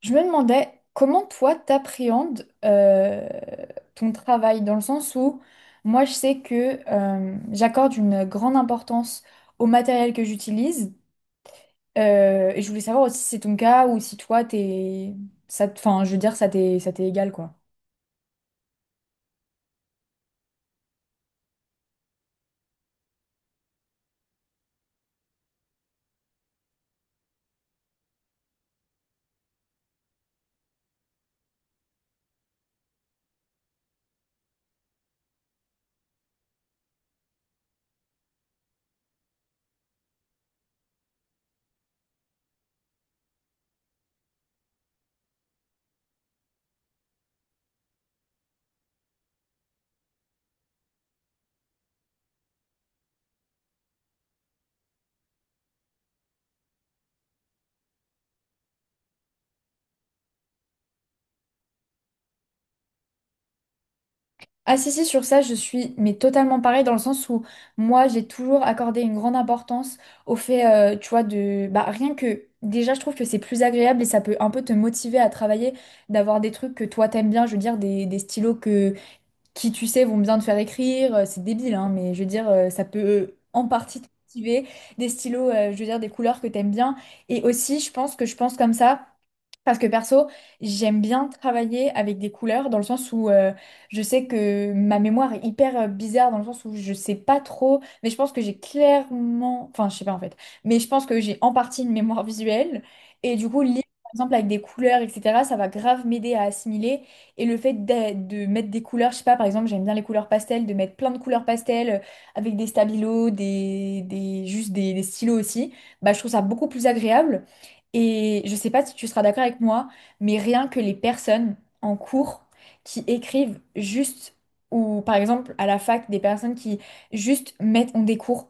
Je me demandais comment toi t'appréhendes ton travail dans le sens où moi je sais que j'accorde une grande importance au matériel que j'utilise, et je voulais savoir aussi si c'est ton cas ou si toi t'es enfin je veux dire ça t'est égal quoi. Ah si, si, sur ça, je suis mais totalement pareil dans le sens où moi, j'ai toujours accordé une grande importance au fait, tu vois, de... Bah, rien que... Déjà, je trouve que c'est plus agréable et ça peut un peu te motiver à travailler, d'avoir des trucs que toi, t'aimes bien, je veux dire, des stylos que, qui, tu sais, vont bien te faire écrire. C'est débile, hein, mais je veux dire, ça peut en partie te motiver. Des stylos, je veux dire, des couleurs que t'aimes bien. Et aussi, je pense comme ça. Parce que perso, j'aime bien travailler avec des couleurs dans le sens où, je sais que ma mémoire est hyper bizarre dans le sens où je sais pas trop, mais je pense que j'ai clairement, enfin je sais pas en fait, mais je pense que j'ai en partie une mémoire visuelle, et du coup lire par exemple avec des couleurs etc. ça va grave m'aider à assimiler. Et le fait de mettre des couleurs, je sais pas, par exemple j'aime bien les couleurs pastel, de mettre plein de couleurs pastel, avec des stabilos, des stylos aussi, bah je trouve ça beaucoup plus agréable. Et je sais pas si tu seras d'accord avec moi, mais rien que les personnes en cours qui écrivent juste, ou par exemple à la fac, des personnes qui juste mettent, ont des cours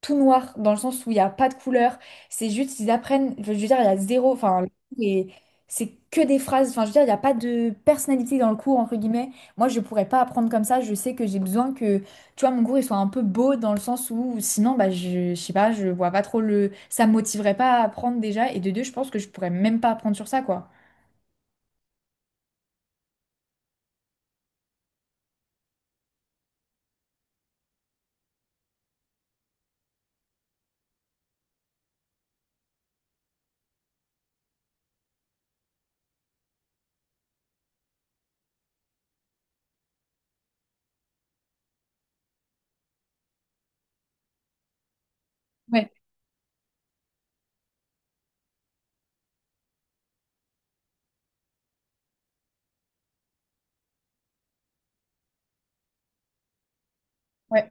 tout noirs, dans le sens où il n'y a pas de couleur, c'est juste, ils apprennent, enfin, je veux dire, il y a zéro, enfin, et c'est que des phrases, enfin, je veux dire, il n'y a pas de personnalité dans le cours, entre guillemets. Moi, je pourrais pas apprendre comme ça, je sais que j'ai besoin que, tu vois, mon cours, il soit un peu beau, dans le sens où sinon, bah, je sais pas, je vois pas trop le... Ça me motiverait pas à apprendre déjà. Et de deux, je pense que je pourrais même pas apprendre sur ça, quoi. Ouais.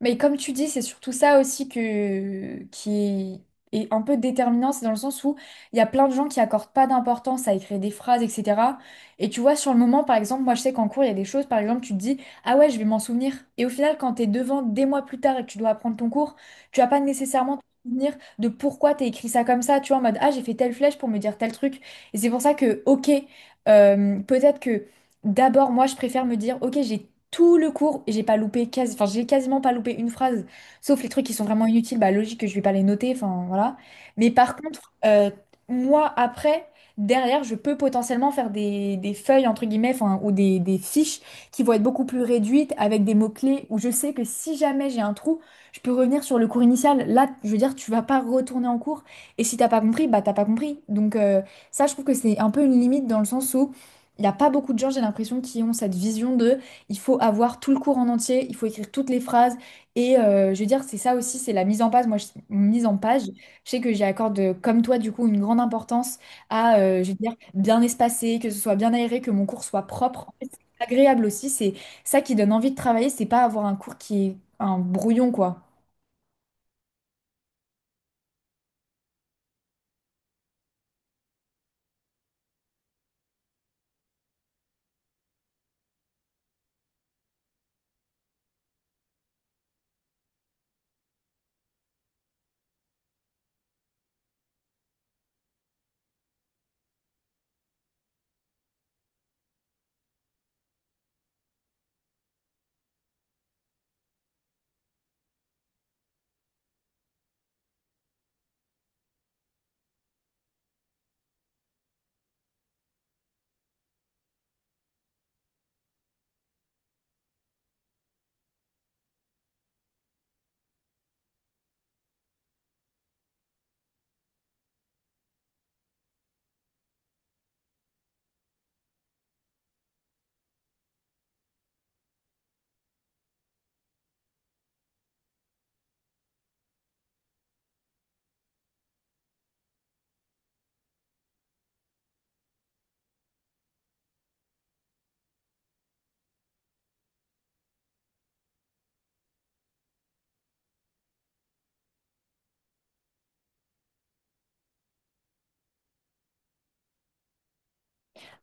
Mais comme tu dis, c'est surtout ça aussi qui est un peu déterminant, c'est dans le sens où il y a plein de gens qui accordent pas d'importance à écrire des phrases, etc. Et tu vois, sur le moment, par exemple, moi je sais qu'en cours, il y a des choses, par exemple, tu te dis, ah ouais, je vais m'en souvenir. Et au final, quand t'es devant des mois plus tard et que tu dois apprendre ton cours, tu vas pas nécessairement te souvenir de pourquoi t'as écrit ça comme ça, tu vois, en mode, ah, j'ai fait telle flèche pour me dire tel truc. Et c'est pour ça que, ok, peut-être que D'abord, moi, je préfère me dire, ok, j'ai tout le cours, et j'ai pas loupé, quasi, enfin, j'ai quasiment pas loupé une phrase, sauf les trucs qui sont vraiment inutiles, bah logique que je vais pas les noter, enfin voilà. Mais par contre, moi, après, derrière, je peux potentiellement faire des feuilles, entre guillemets, enfin, ou des fiches qui vont être beaucoup plus réduites, avec des mots-clés, où je sais que si jamais j'ai un trou, je peux revenir sur le cours initial. Là, je veux dire, tu vas pas retourner en cours, et si t'as pas compris, bah t'as pas compris. Donc, ça, je trouve que c'est un peu une limite dans le sens où il n'y a pas beaucoup de gens, j'ai l'impression, qui ont cette vision de il faut avoir tout le cours en entier, il faut écrire toutes les phrases. Et, je veux dire, c'est ça aussi, c'est la mise en page. Mise en page, je sais que j'y accorde, comme toi, du coup, une grande importance à, je veux dire, bien espacer, que ce soit bien aéré, que mon cours soit propre. En fait, c'est agréable aussi, c'est ça qui donne envie de travailler, c'est pas avoir un cours qui est un brouillon, quoi.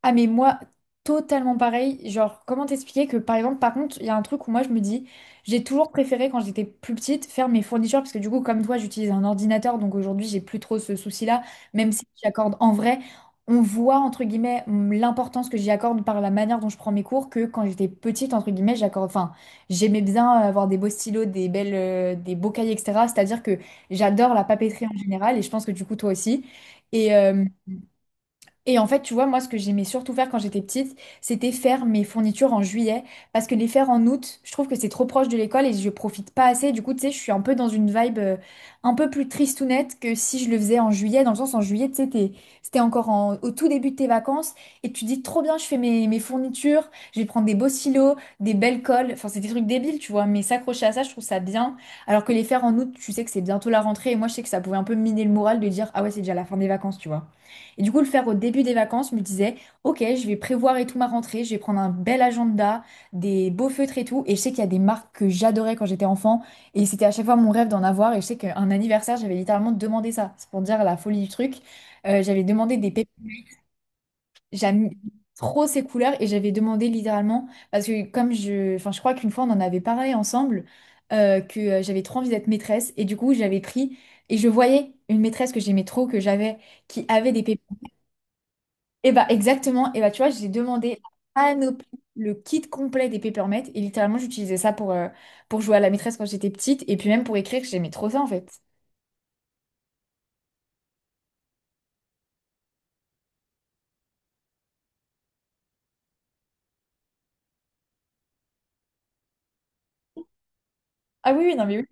Ah mais moi, totalement pareil. Genre, comment t'expliquer que par exemple, par contre, il y a un truc où moi je me dis, j'ai toujours préféré quand j'étais plus petite faire mes fournitures parce que du coup, comme toi, j'utilise un ordinateur, donc aujourd'hui, j'ai plus trop ce souci-là, même si j'accorde en vrai, on voit entre guillemets l'importance que j'y accorde par la manière dont je prends mes cours, que quand j'étais petite, entre guillemets, j'accorde, enfin, j'aimais bien avoir des beaux stylos, des belles, des beaux cahiers, etc. C'est-à-dire que j'adore la papeterie en général et je pense que du coup, toi aussi. Et, euh, et en fait, tu vois, moi, ce que j'aimais surtout faire quand j'étais petite, c'était faire mes fournitures en juillet, parce que les faire en août, je trouve que c'est trop proche de l'école et je profite pas assez. Du coup, tu sais, je suis un peu dans une vibe, un peu plus tristounette que si je le faisais en juillet, dans le sens, en juillet, tu sais, c'était encore au tout début de tes vacances et tu dis trop bien, je fais mes fournitures, je vais prendre des beaux silos, des belles colles, enfin, c'est des trucs débiles, tu vois, mais s'accrocher à ça, je trouve ça bien. Alors que les faire en août, tu sais que c'est bientôt la rentrée et moi, je sais que ça pouvait un peu miner le moral de dire, ah ouais, c'est déjà la fin des vacances, tu vois. Et du coup, le faire au début des vacances, je me disais, ok, je vais prévoir et tout ma rentrée, je vais prendre un bel agenda, des beaux feutres et tout. Et je sais qu'il y a des marques que j'adorais quand j'étais enfant, et c'était à chaque fois mon rêve d'en avoir. Et je sais qu'un anniversaire, j'avais littéralement demandé ça. C'est pour dire la folie du truc. J'avais demandé des pépites, j'aime trop ces couleurs, et j'avais demandé littéralement, parce que comme je, enfin, je crois qu'une fois on en avait parlé ensemble, que j'avais trop envie d'être maîtresse, et du coup, j'avais pris, et je voyais une maîtresse que j'aimais trop, que j'avais, qui avait des pépites. Et bah exactement, et bah tu vois, j'ai demandé la panoplie, le kit complet des Papermate, et littéralement j'utilisais ça pour jouer à la maîtresse quand j'étais petite, et puis même pour écrire, j'aimais trop ça en fait. Ah oui, oui, non mais oui.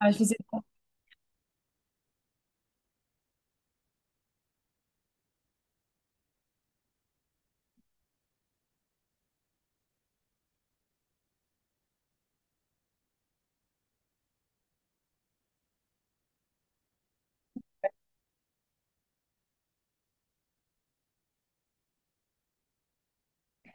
Ah, je faisais.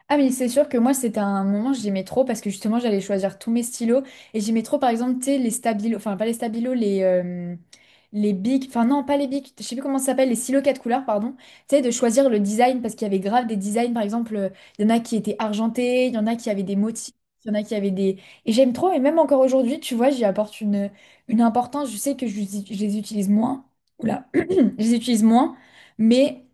Ah mais c'est sûr que moi c'était un moment j'aimais trop parce que justement j'allais choisir tous mes stylos, et j'aimais trop par exemple, tu sais, les stabilos, enfin pas les stabilos, les, les bics, enfin non pas les bics, je sais plus comment ça s'appelle, les stylos quatre couleurs pardon, tu sais, de choisir le design parce qu'il y avait grave des designs, par exemple, il y en a qui étaient argentés, il y en a qui avaient des motifs, il y en a qui avaient des et j'aime trop, et même encore aujourd'hui tu vois j'y apporte une importance, je sais que je les utilise moins. Oula. Je les utilise moins, mais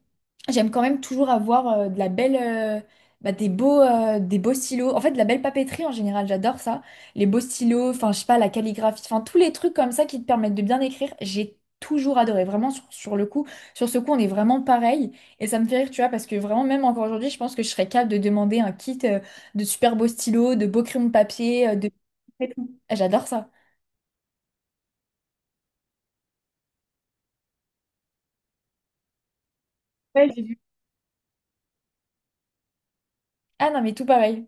j'aime quand même toujours avoir, de la belle, bah, des beaux stylos. En fait, de la belle papeterie en général, j'adore ça. Les beaux stylos, enfin, je sais pas, la calligraphie, enfin, tous les trucs comme ça qui te permettent de bien écrire, j'ai toujours adoré. Vraiment, sur le coup, sur ce coup, on est vraiment pareil. Et ça me fait rire, tu vois, parce que vraiment, même encore aujourd'hui, je pense que je serais capable de demander un kit, de super beaux stylos, de beaux crayons de papier, de... J'adore ça. Ouais, j'ai vu. Ah non, mais tout pareil.